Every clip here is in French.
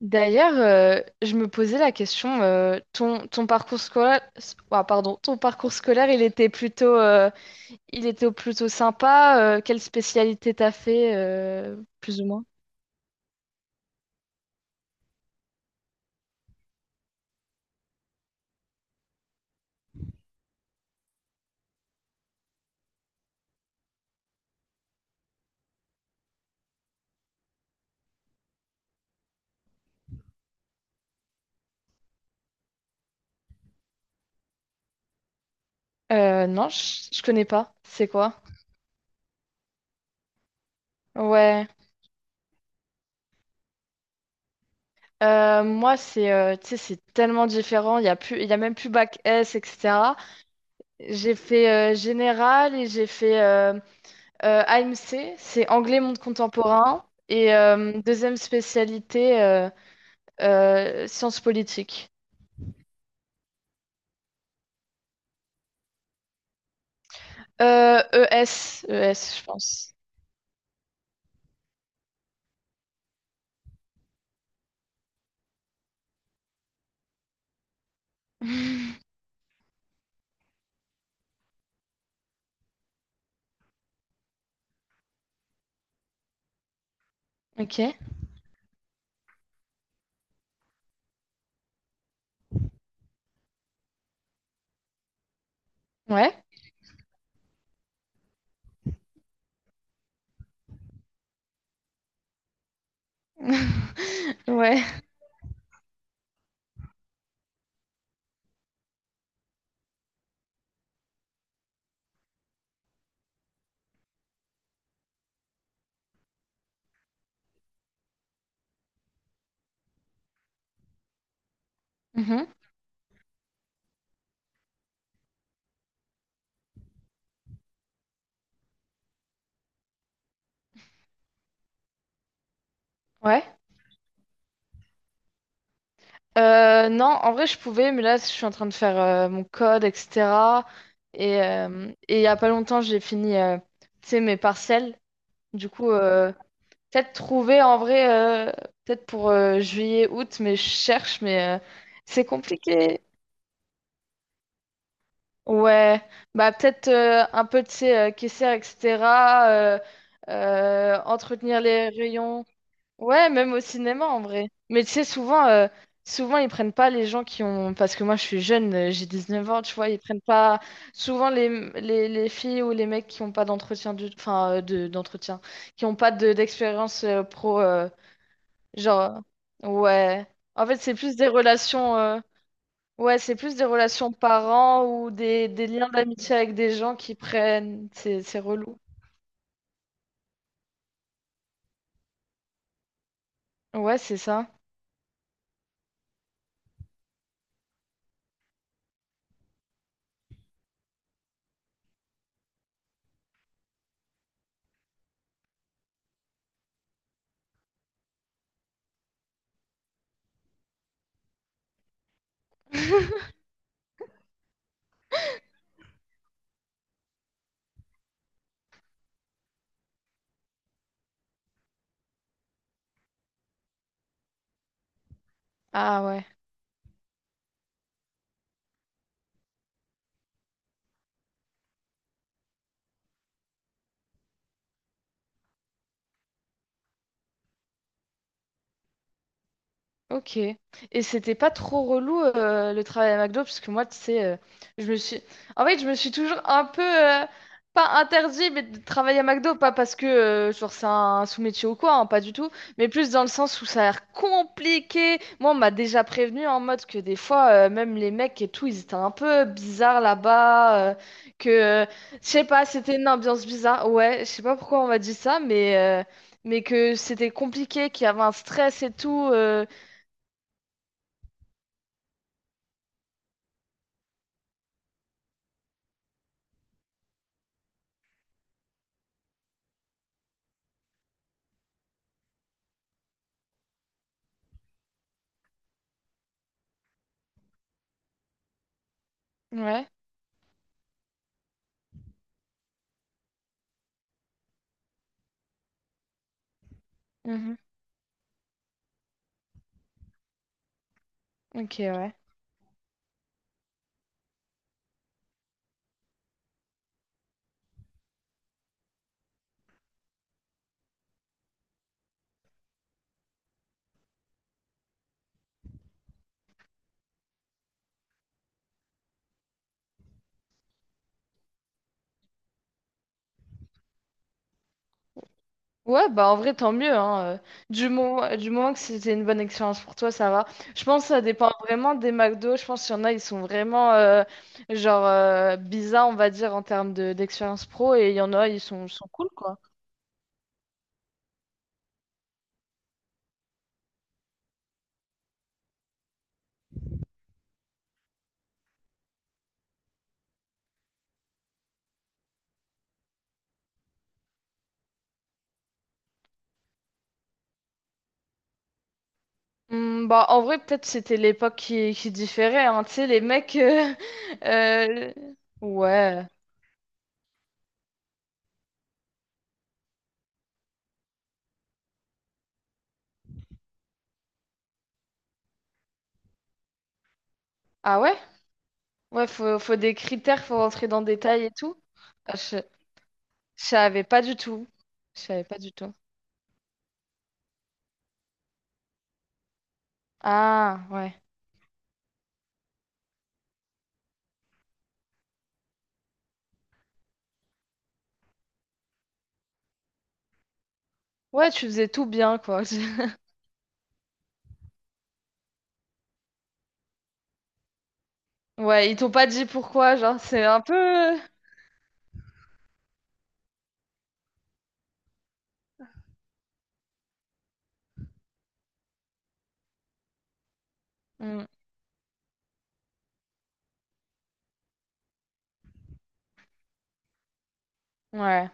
D'ailleurs, je me posais la question, ton parcours scolaire, ah, pardon, ton parcours scolaire, il était plutôt sympa. Quelle spécialité t'as fait, plus ou moins? Non, je connais pas. C'est quoi? Ouais. Moi, c'est, tu sais, c'est tellement différent. Il y a plus, il y a même plus bac S, etc. J'ai fait général et j'ai fait AMC, c'est anglais monde contemporain. Et deuxième spécialité. Sciences politiques. Euh, ES, je pense. Ok. Ouais. Ouais. Mhm. Ouais. Non, en vrai, je pouvais, mais là, je suis en train de faire mon code, etc. Et il y a pas longtemps, j'ai fini, tu sais, mes partiels. Du coup, peut-être trouver en vrai, euh, peut-être pour juillet, août, mais je cherche, mais c'est compliqué. Ouais, bah peut-être un peu, tu sais, caissière, etc. euh, Entretenir les rayons. Ouais, même au cinéma en vrai. Mais tu sais, souvent ils prennent pas les gens qui ont. Parce que moi je suis jeune, j'ai 9 ans, tu vois, ils prennent pas souvent les filles ou les mecs qui ont pas d'entretien enfin, d'entretien, qui ont pas d'expérience pro. Genre, ouais. En fait, c'est plus des relations. Ouais, c'est plus des relations parents ou des liens d'amitié avec des gens qui prennent. C'est relou. Ouais, c'est ça. Ah ouais. Ok. Et c'était pas trop relou le travail à McDo parce que moi, tu sais, je me suis. En fait, je me suis toujours un peu pas interdit, mais de travailler à McDo, pas parce que genre c'est un sous-métier ou quoi, hein, pas du tout, mais plus dans le sens où ça a l'air compliqué. Moi, on m'a déjà prévenu en mode que des fois, même les mecs et tout, ils étaient un peu bizarres là-bas, que je sais pas, c'était une ambiance bizarre. Ouais, je sais pas pourquoi on m'a dit ça, mais que c'était compliqué, qu'il y avait un stress et tout. Ouais. Mhm. Ok, ouais. Ouais, bah en vrai, tant mieux, hein. Du moment que c'était une bonne expérience pour toi, ça va. Je pense que ça dépend vraiment des McDo. Je pense qu'il y en a, ils sont vraiment genre bizarres, on va dire, en termes d'expérience pro, et il y en a, ils sont cool, quoi. Hmm, bah en vrai, peut-être c'était l'époque qui différait, hein. Tu sais, les mecs. Euh, Ouais. Ah ouais? Ouais, faut des critères, faut rentrer dans le détail et tout. Ah, je savais pas du tout. Je savais pas du tout. Ah, ouais. Ouais, tu faisais tout bien, quoi. Ouais, ils t'ont pas dit pourquoi, genre, c'est un peu... Mm, ouais.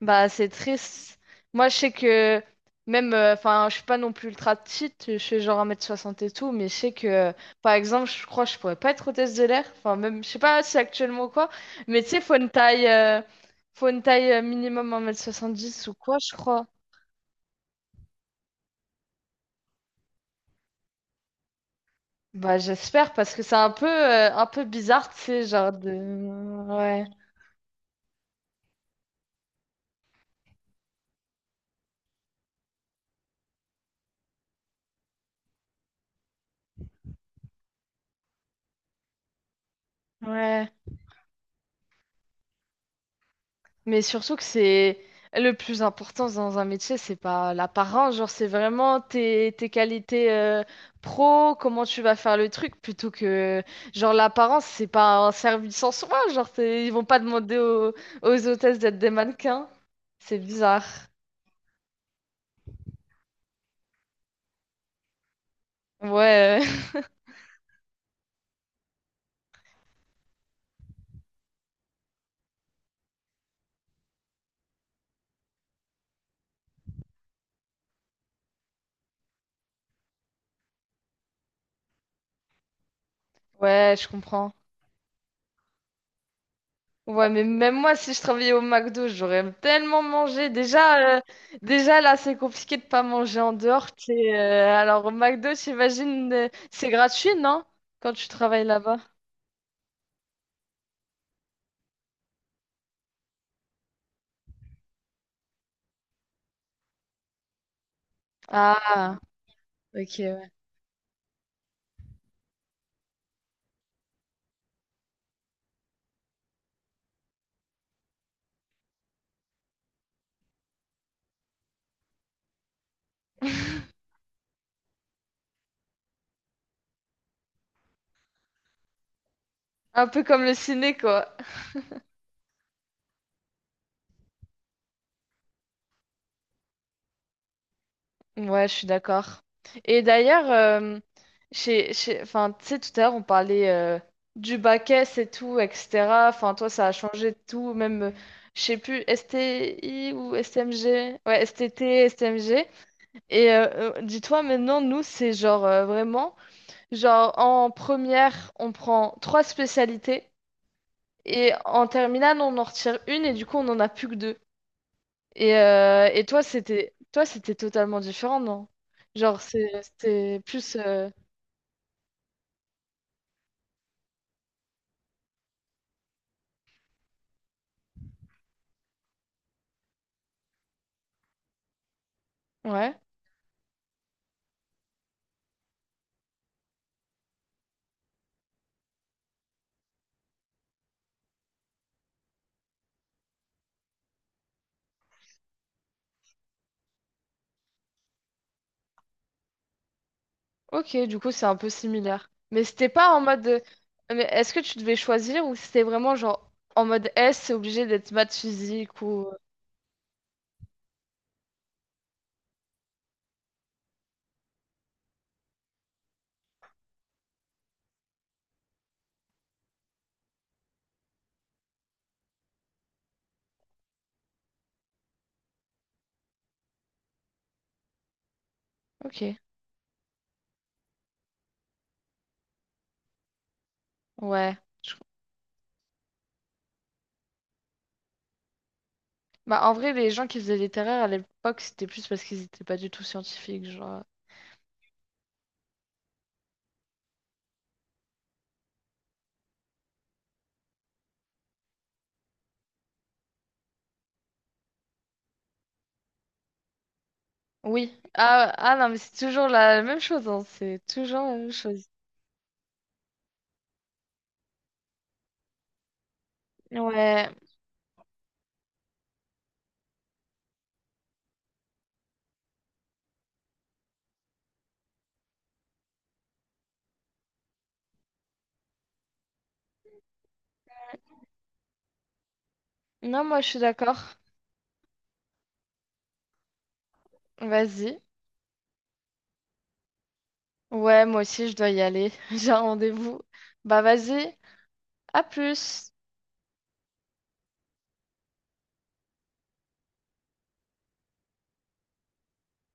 Bah, c'est triste. Moi, je sais que... Même, enfin, je suis pas non plus ultra petite, je suis genre un mètre soixante et tout, mais je sais que, par exemple, je crois que je pourrais pas être hôtesse de l'air, enfin, même, je sais pas si actuellement ou quoi, mais tu sais, faut une taille minimum un mètre soixante dix ou quoi, je crois. Bah, j'espère, parce que c'est un peu bizarre, tu sais, genre de... Ouais. Ouais. Mais surtout que c'est le plus important dans un métier, c'est pas l'apparence, genre c'est vraiment tes qualités pro, comment tu vas faire le truc, plutôt que genre l'apparence, c'est pas un service en soi, ils vont pas demander aux hôtesses d'être des mannequins. C'est bizarre. Ouais, ouais, je comprends. Ouais, mais même moi, si je travaillais au McDo, j'aurais tellement mangé. Déjà, là, c'est compliqué de pas manger en dehors. Tu sais, alors, au McDo, j'imagine, c'est gratuit, non? Quand tu travailles là-bas. Ah, ok, ouais. Un peu comme le ciné, quoi. Ouais, je suis d'accord. Et d'ailleurs, enfin, tu sais, tout à l'heure, on parlait du bac S et tout, etc. Enfin, toi, ça a changé de tout, même, je sais plus, STI ou STMG? Ouais, STT, STMG. Et dis-toi maintenant, nous, c'est genre vraiment, genre en première, on prend trois spécialités et en terminale, on en retire une et du coup, on en a plus que deux. Et toi, c'était totalement différent, non? C'était plus... Ouais, ok, du coup, c'est un peu similaire. Mais c'était pas en mode... Mais est-ce que tu devais choisir ou c'était vraiment genre en mode S, c'est obligé d'être maths physique ou... Ok, ouais, je Bah, en vrai, les gens qui faisaient littéraire à l'époque, c'était plus parce qu'ils étaient pas du tout scientifiques, genre. Oui. Ah, non, mais c'est toujours la même chose, hein. C'est toujours la même chose. Ouais. Non, moi, je suis d'accord. Vas-y. Ouais, moi aussi, je dois y aller. J'ai un rendez-vous. Bah, vas-y. À plus.